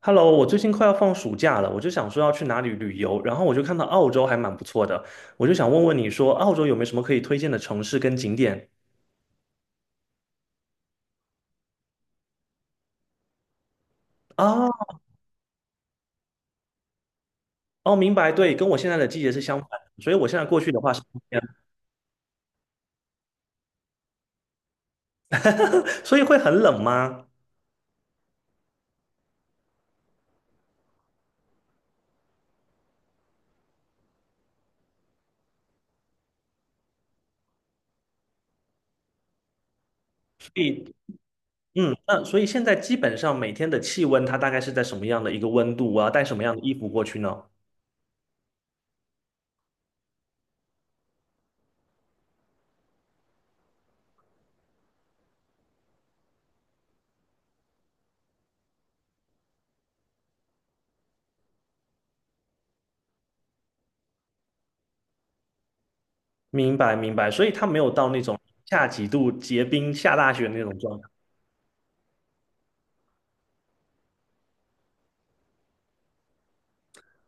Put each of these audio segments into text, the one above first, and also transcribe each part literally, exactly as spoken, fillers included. Hello，我最近快要放暑假了，我就想说要去哪里旅游，然后我就看到澳洲还蛮不错的，我就想问问你说澳洲有没有什么可以推荐的城市跟景点啊？哦，明白，对，跟我现在的季节是相反的所以我现在过去的话是冬天，所以会很冷吗？所以，嗯，那所以现在基本上每天的气温它大概是在什么样的一个温度啊？我要带什么样的衣服过去呢？明白，明白，所以它没有到那种下几度结冰下大雪那种状态。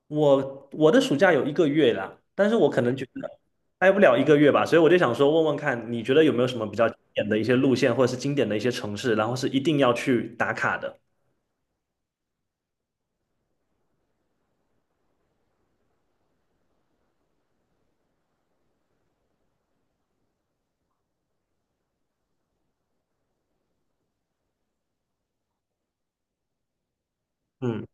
我我的暑假有一个月啦，但是我可能觉得待不了一个月吧，所以我就想说问问看，你觉得有没有什么比较经典的一些路线，或者是经典的一些城市，然后是一定要去打卡的？嗯，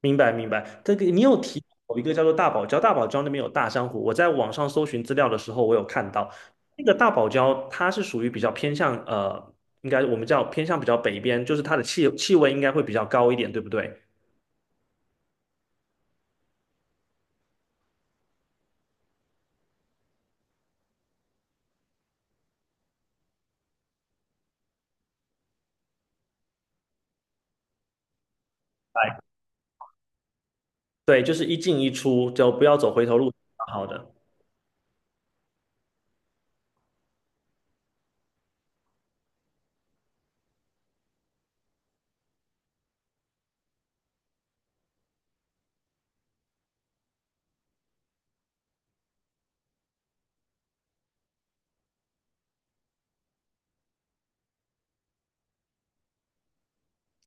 明白明白。这个你有提到有一个叫做大堡礁，大堡礁那边有大珊瑚，我在网上搜寻资料的时候，我有看到那个大堡礁，它是属于比较偏向呃，应该我们叫偏向比较北边，就是它的气气温应该会比较高一点，对不对？哎，对，就是一进一出，就不要走回头路，好的。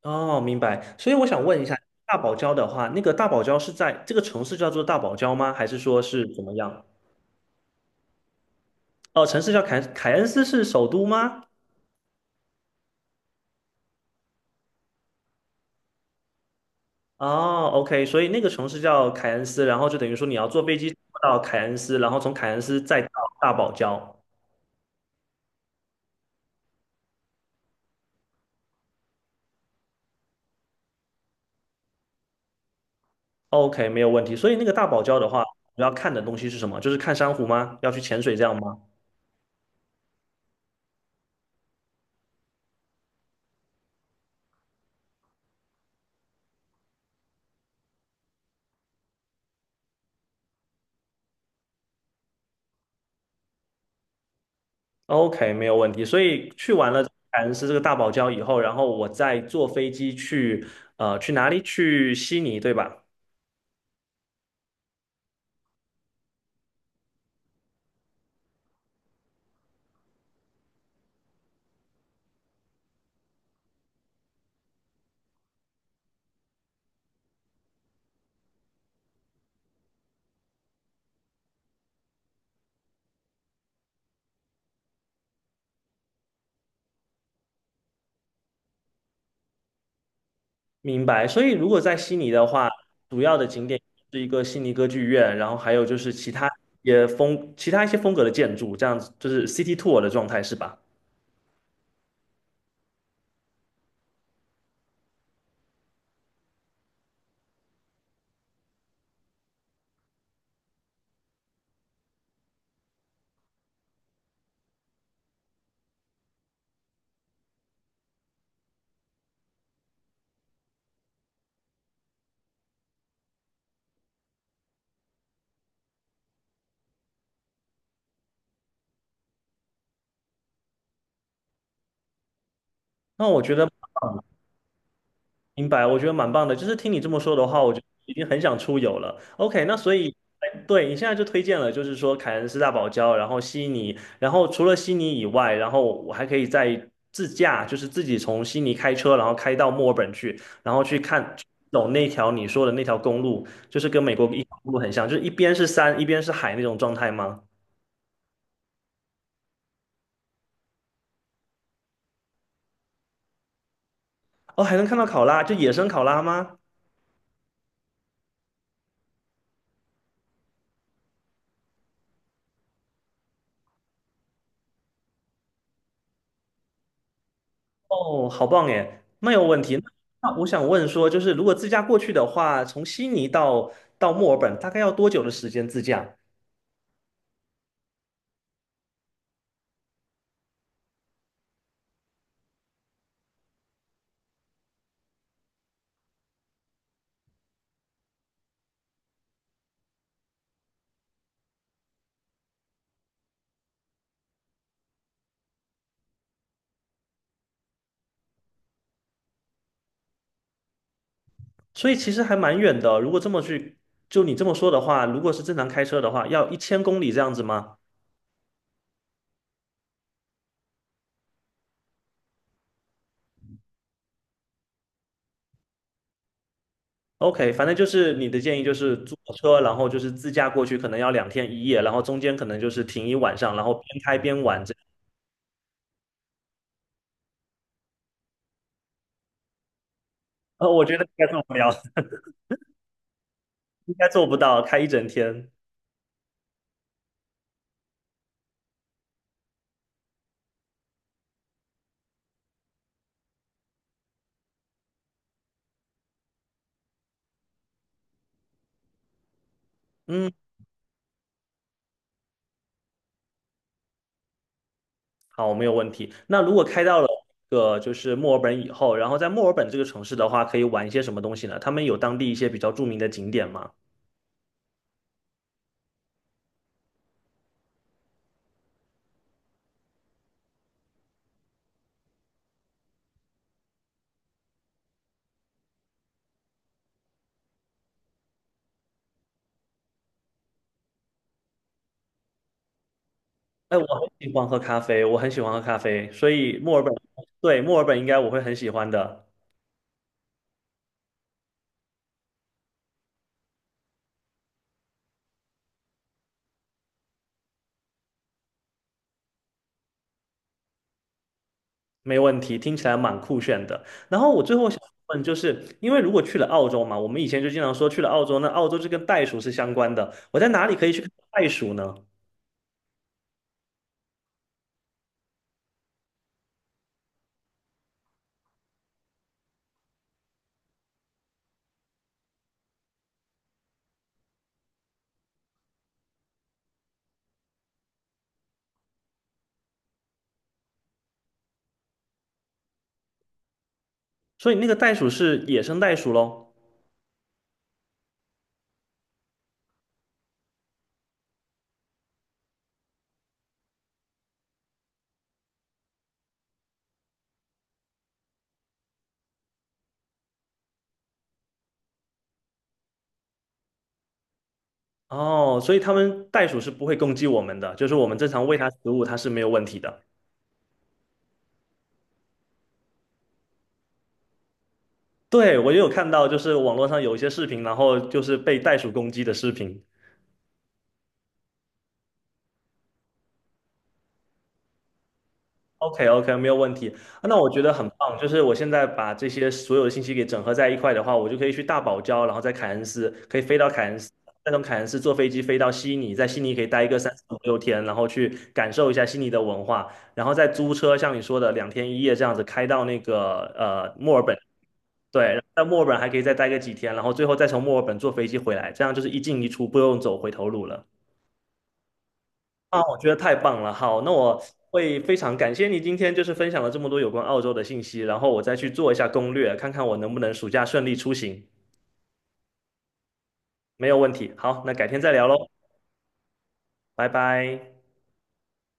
哦，明白。所以我想问一下，大堡礁的话，那个大堡礁是在这个城市叫做大堡礁吗？还是说是怎么样？哦，城市叫凯凯恩斯是首都吗？哦，OK，所以那个城市叫凯恩斯，然后就等于说你要坐飞机到凯恩斯，然后从凯恩斯再到大堡礁。OK，没有问题。所以那个大堡礁的话，主要看的东西是什么？就是看珊瑚吗？要去潜水这样吗？OK，没有问题。所以去完了凯恩斯这个大堡礁以后，然后我再坐飞机去呃去哪里？去悉尼，对吧？明白。所以如果在悉尼的话，主要的景点是一个悉尼歌剧院，然后还有就是其他一些风其他一些风格的建筑，这样子就是 City Tour 的状态是吧？那我觉得。明白，我觉得蛮棒的。就是听你这么说的话，我就已经很想出游了。OK，那所以，哎对，你现在就推荐了，就是说凯恩斯大堡礁，然后悉尼，然后除了悉尼以外，然后我还可以再自驾，就是自己从悉尼开车，然后开到墨尔本去，然后去看走那条你说的那条公路，就是跟美国一条公路很像，就是一边是山，一边是海那种状态吗？哦，还能看到考拉，就野生考拉吗？哦，好棒耶，没有问题。那那我想问说，就是如果自驾过去的话，从悉尼到到墨尔本大概要多久的时间自驾？所以其实还蛮远的。如果这么去，就你这么说的话，如果是正常开车的话，要一千公里这样子吗？OK，反正就是你的建议就是租车，然后就是自驾过去，可能要两天一夜，然后中间可能就是停一晚上，然后边开边玩这样。呃，我觉得应该做不了，应该做不到开一整天。嗯。好，没有问题。那如果开到了一个就是墨尔本以后，然后在墨尔本这个城市的话，可以玩一些什么东西呢？他们有当地一些比较著名的景点吗？哎，我很喜欢喝咖啡，我很喜欢喝咖啡，所以墨尔本，对，墨尔本应该我会很喜欢的，没问题，听起来蛮酷炫的。然后我最后想问，就是因为如果去了澳洲嘛，我们以前就经常说去了澳洲，那澳洲这跟袋鼠是相关的，我在哪里可以去看袋鼠呢？所以那个袋鼠是野生袋鼠喽？哦，所以他们袋鼠是不会攻击我们的，就是我们正常喂它食物，它是没有问题的。对，我也有看到，就是网络上有一些视频，然后就是被袋鼠攻击的视频。OK OK，没有问题。啊那我觉得很棒，就是我现在把这些所有的信息给整合在一块的话，我就可以去大堡礁，然后在凯恩斯可以飞到凯恩斯，再从凯恩斯坐飞机飞到悉尼，在悉尼可以待一个三四五六天，然后去感受一下悉尼的文化，然后再租车，像你说的两天一夜这样子开到那个呃墨尔本。对，在墨尔本还可以再待个几天，然后最后再从墨尔本坐飞机回来，这样就是一进一出，不用走回头路了。啊，我觉得太棒了。好，那我会非常感谢你今天就是分享了这么多有关澳洲的信息，然后我再去做一下攻略，看看我能不能暑假顺利出行。没有问题。好，那改天再聊喽，拜拜。